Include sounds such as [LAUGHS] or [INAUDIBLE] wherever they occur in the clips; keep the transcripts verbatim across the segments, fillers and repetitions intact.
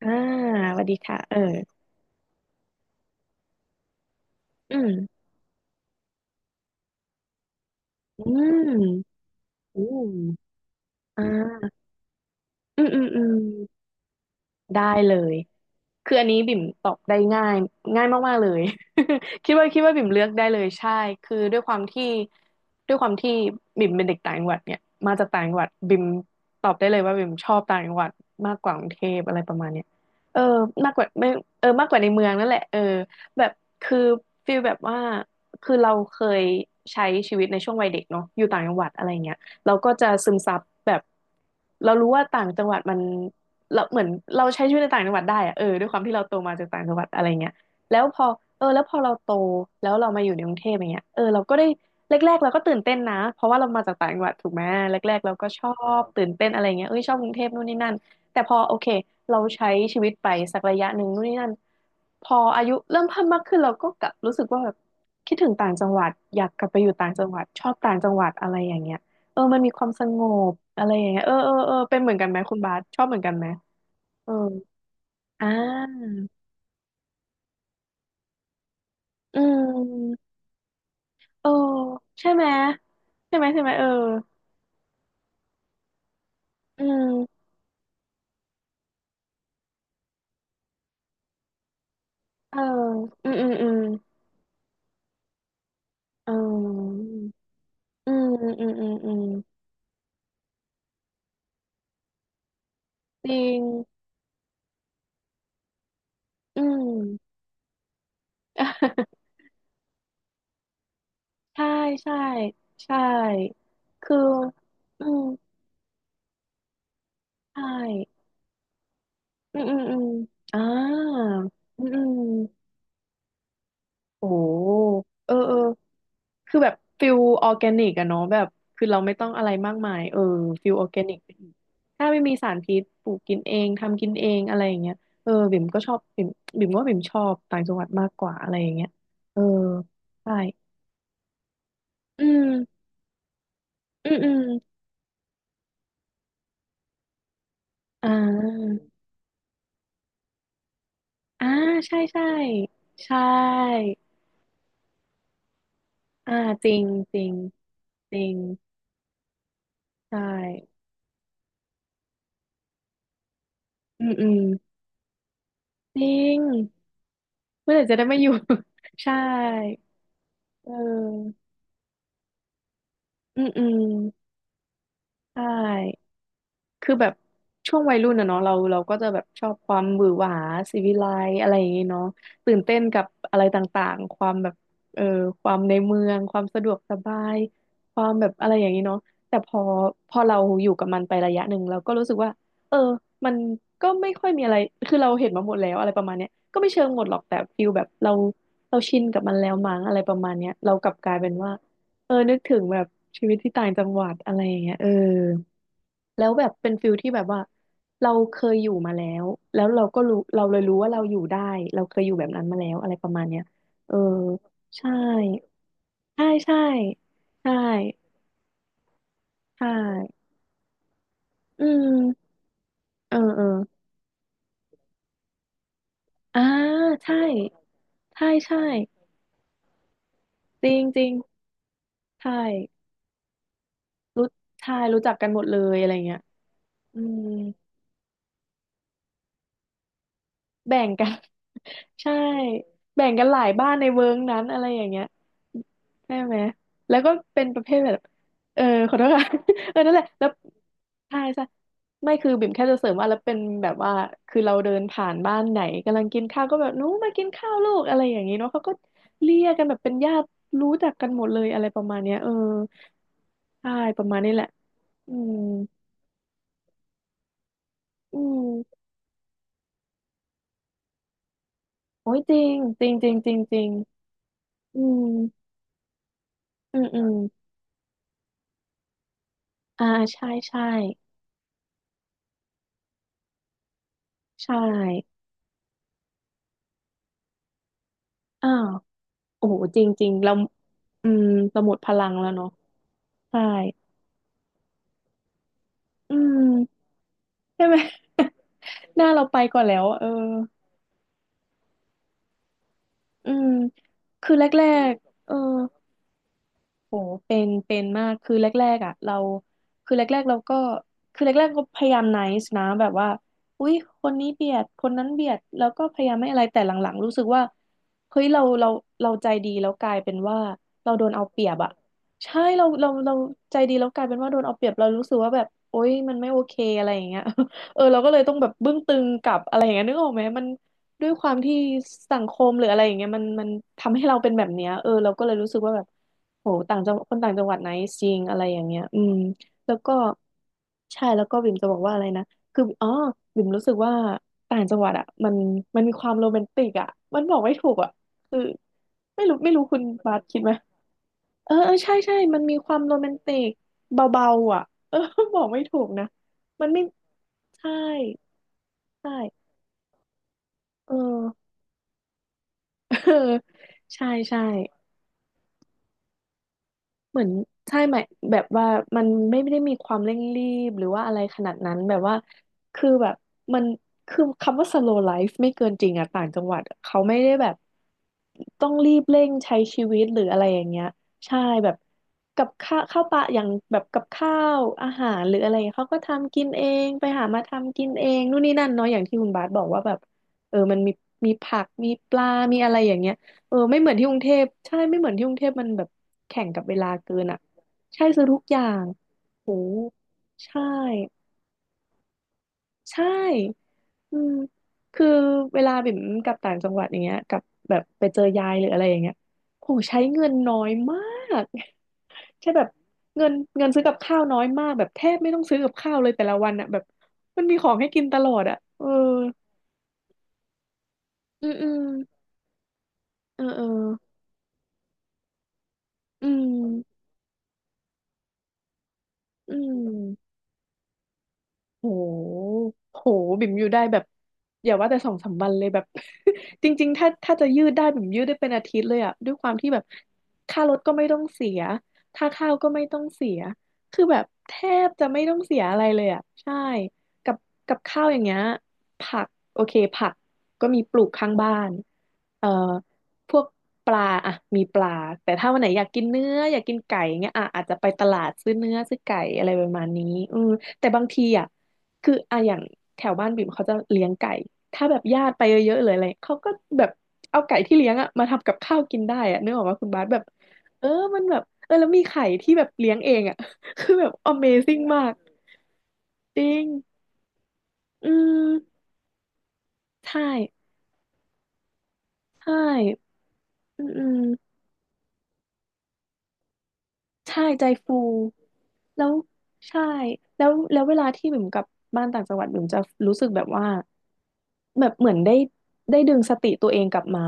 อ่าสวัสดีค่ะเอออืม อืม อืมอ่าอืม อืม อืม ได้เลย คืออันนี้บิ่มตอบได้ง่ายง่ายมากๆเลย [LAUGHS] คิดว่าคิดว่าบิ่มเลือกได้เลยใช่คือด้วยความที่ด้วยความที่บิ่มเป็นเด็กต่างจังหวัดเนี่ยมาจากต่างจังหวัดบิ่มตอบได้เลยว่าบิ่มชอบต่างจังหวัดมากกว่ากรุงเทพอะไรประมาณเนี้ยเออมากกว่าไม่เออมากกว่าในเมืองนั่นแหละเออแบบคือฟีลแบบว่าคือเราเคยใช้ชีวิตในช่วงวัยเด็กเนาะอยู่ต่างจังหวัดอะไรเงี้ยเราก็จะซึมซับแบบเรารู้ว่าต่างจังหวัดมัน เราเหมือนเราใช้ชีวิตในต่างจังหวัดได้อะเออด้วยความที่เราโตมาจากต่างจังหวัดอะไรเงี้ยแล้วพอเออแล้วพอเราโตแล้วเรามาอยู่ในกรุงเทพอย่างเงี้ยเออเราก็ได้แรกๆเราก็ตื่นเต้นนะเพราะว่าเรามาจากต่างจังหวัดถูกไหมแรกๆเราก็ชอบตื่นเต้นอะไรเงี้ยเอ้ยชอบกรุงเทพนู่นนี่นั่นแต่พอโอเคเราใช้ชีวิตไปสักระยะหนึ่งนู่นนี่นั่นพออายุเริ่มเพิ่มมากขึ้นเราก็กลับรู้สึกว่าแบบคิดถึงต่างจังหวัดอยากกลับไปอยู่ต่างจังหวัดชอบต่างจังหวัดอะไรอย่างเงี้ยเออมันมีความสงบอะไรอย่างเงี้ยเออเออเออเป็นเหมือนกันไหมคุณบาสชอบเหมือนกันไหม เอออ่าอืมเออใช่ไหมใช่ไหมใช่ไหมเอออืมเอออืมอืมอืมเอออืมอืมอืมอืมจริงอืม [LAUGHS] ใช่ใช่ ใช่ คืออืมใช่อืม อืม อืมอ่าอืมอืมโอ้เออเออ คือแบบฟิลออร์แกนิกอะเนาะแบบคือเราไม่ต้องอะไรมากมายเออฟิลออร์แกนิกไปอีกถ้าไม่มีสารพิษปลูกกินเองทำกินเองอะไรอย่างเงี้ยเออบิ่มก็ชอบบิ่มบิ่มว่าบิ่มชอบต่างจังหวัดมากกว่าอะไรอย่างเงี้ยเออใช่อืมอืมอืมอ่าอ่าใช่ใช่ใช่อ่าจริงจริงจริงใช่อืมอืมจริงเมื่อไหร่จะได้มาอยู่ [LAUGHS] ใช่เอออืมอืมใช่ คือแบบช่วงวัยรุ่นอะเนาะเราเราก็จะแบบชอบความหวือหวาศิวิไลซ์อะไรอย่างงี้เนาะตื่นเต้นกับอะไรต่างๆความแบบเออความในเมืองความสะดวกสบายความแบบอะไรอย่างงี้เนาะแต่พอพอเราอยู่กับมันไประยะหนึ่งเราก็รู้สึกว่าเออมันก็ไม่ค่อยมีอะไรคือเราเห็นมาหมดแล้วอะไรประมาณเนี้ยก็ไม่เชิงหมดหรอกแต่ฟิลแบบเราเราชินกับมันแล้วมั้งอะไรประมาณเนี้ยเรากลับกลายเป็นว่าเออนึกถึงแบบชีวิตที่ต่างจังหวัดอะไรอย่างเงี้ยเออ แล้วแบบเป็นฟิลที่แบบว่าเราเคยอยู่มาแล้วแล้วเราก็รู้เราเลยรู้ว่าเราอยู่ได้เราเคยอยู่แบบนั้นมาแล้วอะไรประมาณเนี้ยเออใช่ใช่ใช่ใช่ใช่อืมเออเอออ่าใช่ใช่ใช่จริงจริงใช่รู้ใช่รู้จักกันหมดเลยอะไรเงี้ยอืม แบ่งกัน [LAUGHS] ใช่แบ่งกันหลายบ้านในเวิร์กนั้นอะไรอย่างเงี้ยใช่ไหมแล้วก็เป็นประเภทแบบเออขอโทษค่ะ [LAUGHS] เออนั่นแหละแล้วใช่ใช่ไม่คือบิ่มแค่จะเสริมว่าแล้วเป็นแบบว่าคือเราเดินผ่านบ้านไหนกำลังกินข้าวก็แบบหนู้มากินข้าวลูกอะไรอย่างงี้เนาะเขาก็เรียกกันแบบเป็นญาติรู้จักกันหมดเลยอะไรประมาณเนี้ยเออใช่ประมาณนี้แหละอืมอืมโอ้ยจริงจริงจริงจริงจริงอืมอืมอืม อ่าใช่ใช่ใช่อ้าวโอ้โหจริงๆเราอืมเราหมดพลังแล้วเนาะใช่อืมใช่ไหม [LAUGHS] หน้าเราไปก่อนแล้วอะเอออืมคือแรกๆเออ โอ้เป็นเป็นมากคือแรกๆอ่ะเราคือแรกๆเราก็คือแรกๆก็พยายามไนซ์นะแบบว่าอุ๊ยคนนี้เบียดคนนั้นเบียดแล้วก็พยายามไม่อะไรแต่หลังๆรู้สึกว่าเฮ้ยเราเราเราใจดีแล้วกลายเป็นว่าเราโดนเอาเปรียบอ่ะใช่เราเราเราใจดีแล้วกลายเป็นว่าโดนเอาเปรียบเรารู้สึกว่าแบบโอ๊ยมันไม่โอเคอะไรอย่างเงี้ย [LAUGHS] เออเราก็เลยต้องแบบบึ้งตึงกลับอะไรอย่างเงี้ยนึกออกไหมมันด้วยความที่สังคมหรืออะไรอย่างเงี้ยมันมันทำให้เราเป็นแบบเนี้ยเออเราก็เลยรู้สึกว่าแบบ โหต่างจังคนต่างจังหวัดไหนจริงอะไรอย่างเงี้ยอืมแล้วก็ใช่แล้วก็บิ่มจะบอกว่าอะไรนะคืออ๋อบิ่มรู้สึกว่าต่างจังหวัดอ่ะมันมันมีความโรแมนติกอ่ะมันบอกไม่ถูกอ่ะคือไม่รู้ไม่รู้คุณบาสคิดไหมเออเออใช่ใช่มันมีความโรแมนติกเบาๆอ่ะเออบอกไม่ถูกนะมันไม่ใช่ใช่เออ [LAUGHS] เออใช่ใช่ เหมือนใช่ไหมแบบว่ามันไม่ได้มีความเร่งรีบหรือว่าอะไรขนาดนั้นแบบว่าคือแบบมันคือคำว่า slow life ไม่เกินจริงอะต่างจังหวัดเขาไม่ได้แบบต้องรีบเร่งใช้ชีวิตหรืออะไรอย่างเงี้ยใช่แบบกับข้าวข้าวปลาอย่างแบบกับข้าวอาหารหรืออะไรเขาก็ทำกินเองไปหามาทำกินเองนู่นนี่นั่นเนาะอย่างที่คุณบาสบอกว่าแบบเออมันมีมีผักมีปลามีอะไรอย่างเงี้ย เออไม่เหมือนที่กรุงเทพใช่ไม่เหมือนที่กรุงเทพมันแบบแข่งกับเวลาเกินอ่ะใช่ซื้อทุกอย่างโหใช่ใช่อืมคือเวลาบิ่มกลับต่างจังหวัดอย่างเงี้ยกลับแบบไปเจอยายหรืออะไรอย่างเงี้ยโหใช้เงินน้อยมาก [LAUGHS] ใช่แบบเงินเงินซื้อกับข้าวน้อยมากแบบแทบไม่ต้องซื้อกับข้าวเลยแต่ละวันอ่ะแบบมันมีของให้กินตลอดอ่ะเอออืมอืมเออเอออืมอืม โหโหบิ่มอยู่ได้แบบอย่าว่าแต่สองสามวันเลยแบบ [LAUGHS] จริงๆถ้าถ้าจะยืดได้บิ่มยืดได้เป็นอาทิตย์เลยอะด้วยความที่แบบค่ารถก็ไม่ต้องเสียค่าข้าวก็ไม่ต้องเสียคือแบบแทบจะไม่ต้องเสียอะไรเลยอะใช่กับกับข้าวอย่างเงี้ยผักโอเคผักก็มีปลูกข้างบ้านเอ่อพวกปลาอะมีปลาแต่ถ้าวันไหนอยากกินเนื้ออยากกินไก่เงี้ยอะอาจจะไปตลาดซื้อเนื้อซื้อไก่อะไรประมาณนี้อืมแต่บางทีอ่ะ คืออะอย่างแถวบ้านบิ่มเขาจะเลี้ยงไก่ถ้าแบบญาติไปเยอะๆเลยออะไรเขาก็แบบเอาไก่ที่เลี้ยงอะมาทำกับข้าวกินได้อะนึกออกว่าคุณบาสแบบเออมันแบบเออแล้วมีไข่ที่แบบเลี้ยงเองอะ [LAUGHS] คือแบบ Amazing มากจริงอืมใช่ใช่อืมอืม ใช่ใจฟูแล้วใช่แล้วแล้วเวลาที่บิ่มกลับบ้านต่างจังหวัดบิ่มจะรู้สึกแบบว่าแบบเหมือนได้ได้ดึงสติตัวเองกลับมา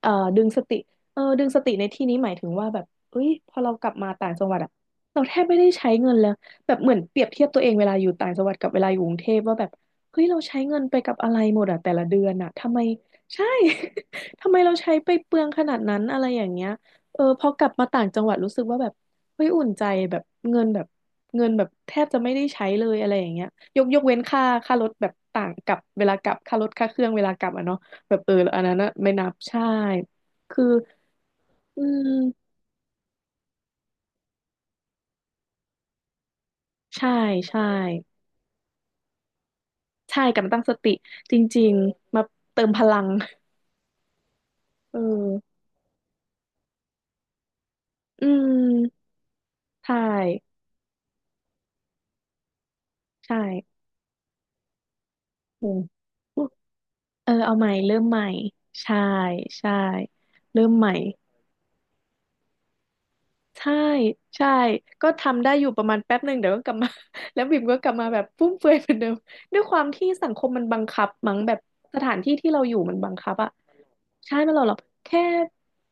เอ่อดึงสติเออดึงสติในที่นี้หมายถึงว่าแบบเอ้ยพอเรากลับมาต่างจังหวัดอะเราแทบไม่ได้ใช้เงินแล้วแบบเหมือนเปรียบเทียบตัวเองเวลาอยู่ต่างจังหวัดกับเวลาอยู่กรุงเทพว่าแบบเฮ้ยเราใช้เงินไปกับอะไรหมดอะแต่ละเดือนอะทำไมใช่ [LAUGHS] ทำไมเราใช้ไปเปลืองขนาดนั้นอะไรอย่างเงี้ย เออพอกลับมาต่างจังหวัดรู้สึกว่าแบบเฮ้ยอุ่นใจแบบเงินแบบเงินแบบแทบจะไม่ได้ใช้เลยอะไรอย่างเงี้ยยกยกเว้นค่าค่ารถแบบต่างกับเวลากลับค่ารถค่าเครื่องเวลากลับอ่ะเนาะแบบเอออันนั้นนะไม่นับใช่คืออืมใช่ใช่ใช่กลับมาตั้งสติจริงๆมาเติมพลังเอออืมใช่ใช่โอ้เออเอาใหม่เริ่มใหม่ใช่ใช่เริ่มใหม่ ใช่ใช่ก็ทำได้อยู่ประมาณแป๊บหนึ่งเดี๋ยวก็กลับมา [LAUGHS] แล้วบิ่มก็กลับมาแบบฟุ่มเฟือยเหมือนเดิมด้วยความที่สังคมมันบังคับมั้งแบบสถานที่ที่เราอยู่มันบังคับอะ ใช่ไม่หรอกหรอกแค่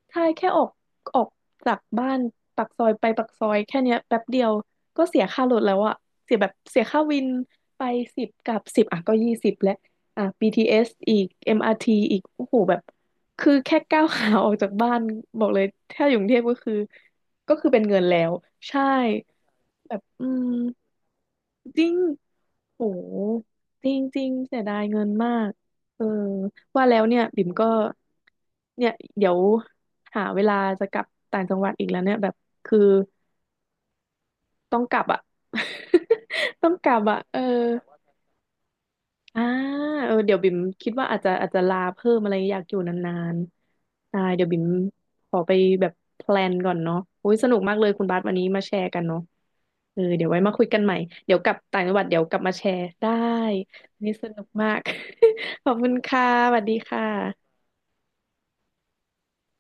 ใช่แค่ออกออกจากบ้านปากซอยไปปากซอยแค่เนี้ยแป๊บเดียวก็เสียค่ารถแล้วอะเสียแบบเสียค่าวินไปสิบกับสิบอ่ะก็ยี่สิบแล้วอ่ะ บี ที เอส อสอีก เอ็ม อาร์ ที อมอาร์ทีอีกโอ้โหแบบคือแค่ก้าวขาออกจากบ้านบอกเลยถ้าอยู่กรุงเทพก็คือก็คือเป็นเงินแล้วใช่แบบอืม จริงโหจริงจริงเสียดายเงินมากเออว่าแล้วเนี่ยบิ่มก็เนี่ยเดี๋ยวหาเวลาจะกลับต่างจังหวัดอีกแล้วเนี่ยแบบคือต้องกลับอ่ะ [LAUGHS] ต้องกลับอ่ะเออ อ่าเออเดี๋ยวบิ่มคิดว่าอาจจะอาจจะลาเพิ่มอะไรอยากอยู่นานๆได้เดี๋ยวบิ่มขอไปแบบแพลนก่อนเนาะโอ้ยสนุกมากเลยคุณบาสวันนี้มาแชร์กันเนาะเออเดี๋ยวไว้มาคุยกันใหม่เดี๋ยวกลับต่างจังหวัดเดี๋ยวกลับมาแชร์ได้วันนี่สนุกมาก [LAUGHS] ขอบคุณค่ะสวัสดีค่ะ